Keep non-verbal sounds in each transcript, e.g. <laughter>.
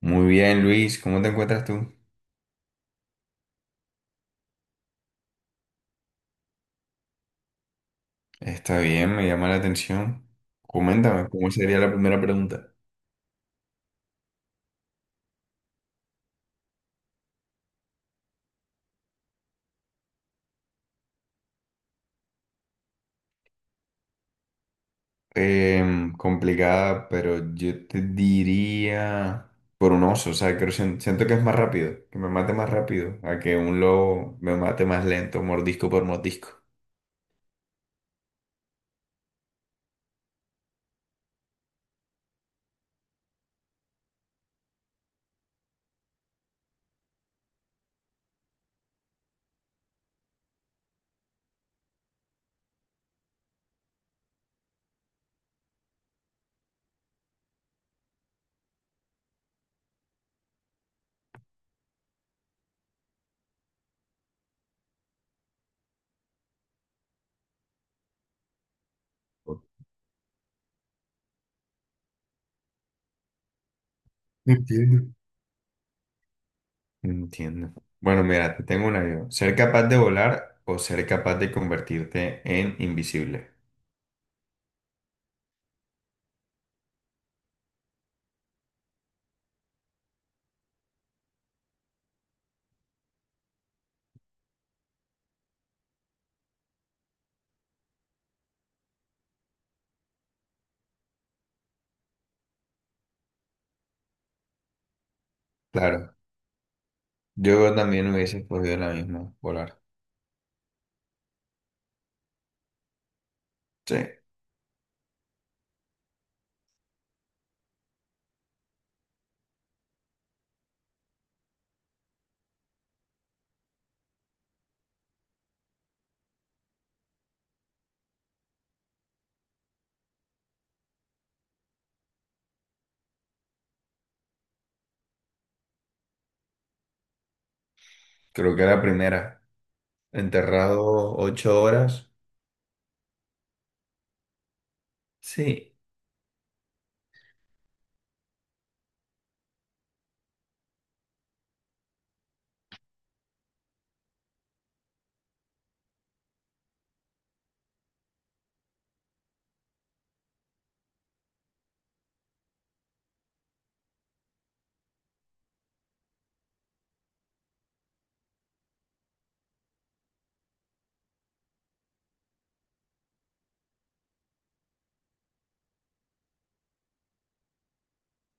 Muy bien, Luis, ¿cómo te encuentras tú? Está bien, me llama la atención. Coméntame, ¿cómo sería la primera pregunta? Complicada, pero yo te diría por un oso, o sea, creo, siento que es más rápido, que me mate más rápido, a que un lobo me mate más lento, mordisco por mordisco. Entiendo. Entiendo. Bueno, mira, te tengo una yo. ¿Ser capaz de volar o ser capaz de convertirte en invisible? Claro, yo también hubiese escogido la misma, volar. Sí. Creo que la primera. Enterrado 8 horas. Sí.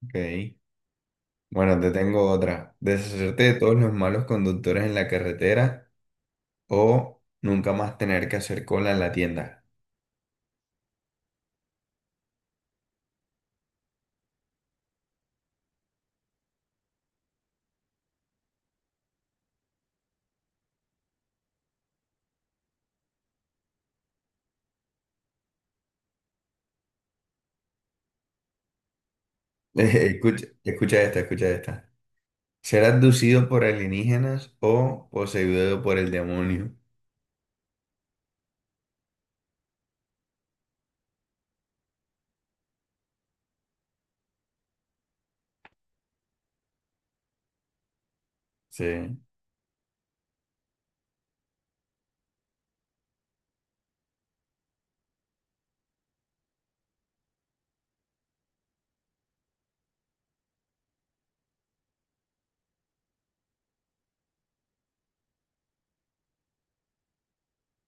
Ok. Bueno, te tengo otra. Deshacerte de todos los malos conductores en la carretera o nunca más tener que hacer cola en la tienda. <laughs> Escucha, escucha esta, escucha esta. Ser abducido por alienígenas o poseído por el demonio. Sí,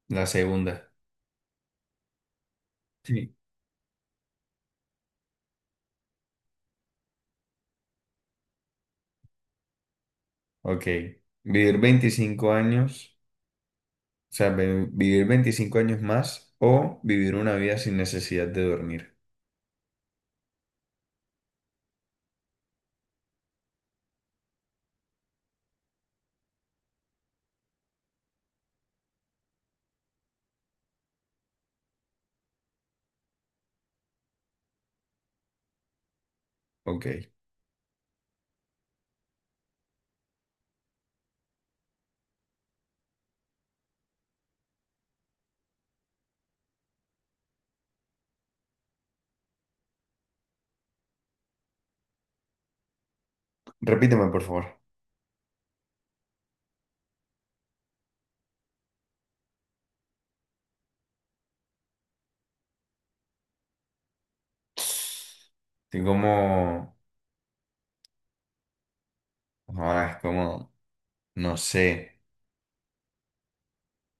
la segunda. Sí. Ok. Vivir 25 años, o sea, vivir 25 años más o vivir una vida sin necesidad de dormir. Ok. Repíteme, por favor. Estoy como... Ahora es como... No sé.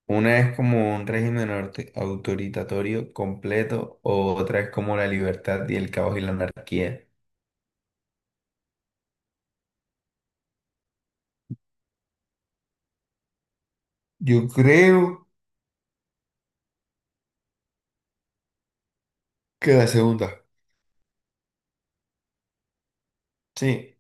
Una es como un régimen autoritatorio completo o otra es como la libertad y el caos y la anarquía. Yo creo que la segunda. Sí.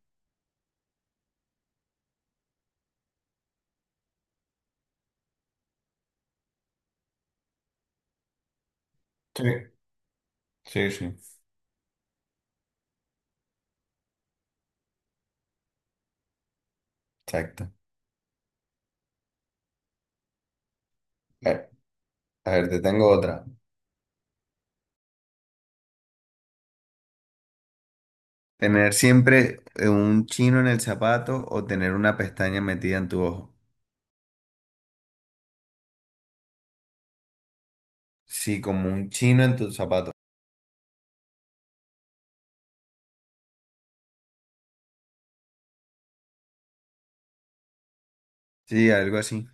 Sí. Sí, sí. Exacto. A ver, a ver, te tengo otra. ¿Tener siempre un chino en el zapato o tener una pestaña metida en tu ojo? Sí, como un chino en tu zapato. Sí, algo así.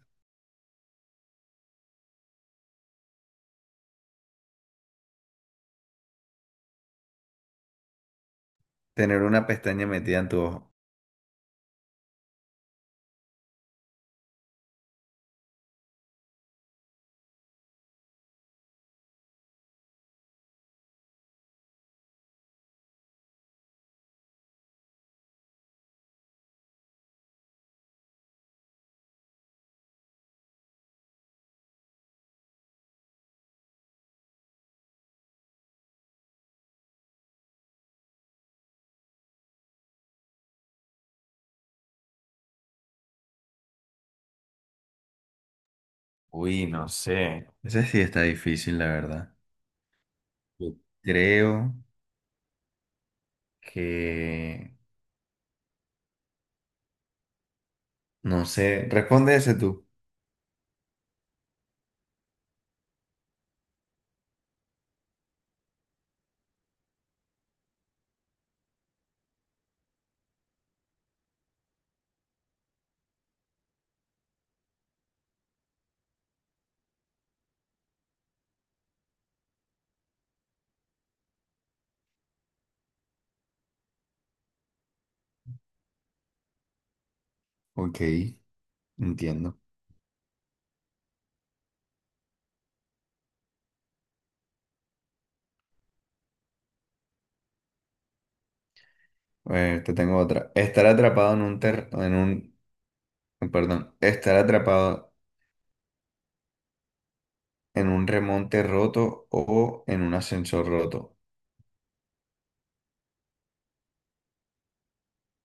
Tener una pestaña metida en tu ojo. Uy, no sé. Ese sí está difícil, la verdad. Sí. Creo que... No sé. Responde ese tú. Ok, entiendo. A ver, te tengo otra. Estar atrapado en un ter... en un... Perdón. Estar atrapado en un remonte roto o en un ascensor roto.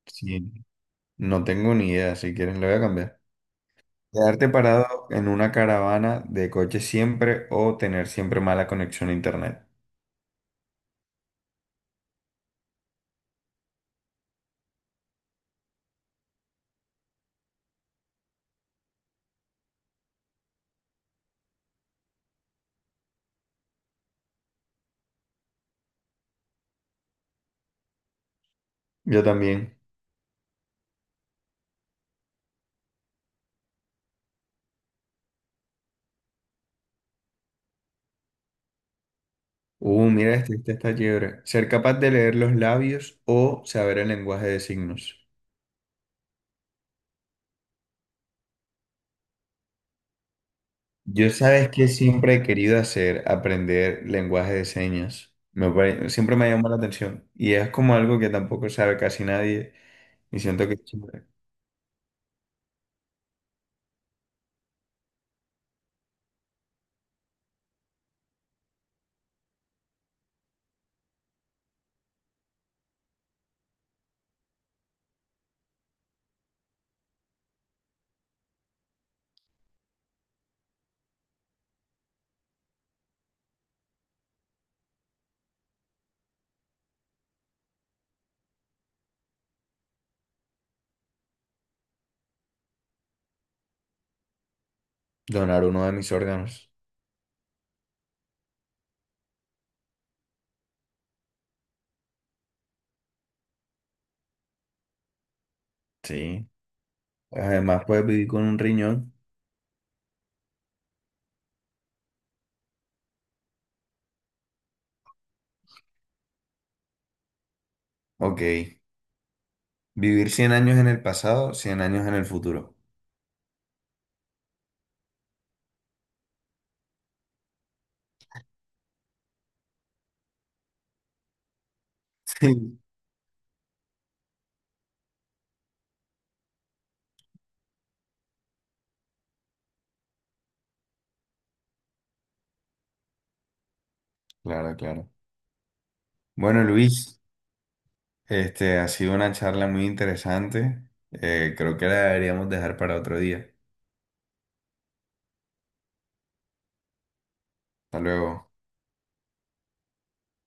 Sí. No tengo ni idea. Si quieres, lo voy a cambiar. Quedarte parado en una caravana de coche siempre o tener siempre mala conexión a internet. Yo también. Mira, este, este está chévere. Ser capaz de leer los labios o saber el lenguaje de signos. Yo sabes que siempre he querido hacer, aprender lenguaje de señas. Siempre me llamó la atención. Y es como algo que tampoco sabe casi nadie. Y siento que es chévere. Donar uno de mis órganos. Sí. Además, puedes vivir con un riñón. Ok. Vivir 100 años en el pasado, 100 años en el futuro. <laughs> Sí. Claro, claro. Bueno, Luis. Este, ha sido una charla muy interesante. Creo que la deberíamos dejar para otro día. Hasta luego.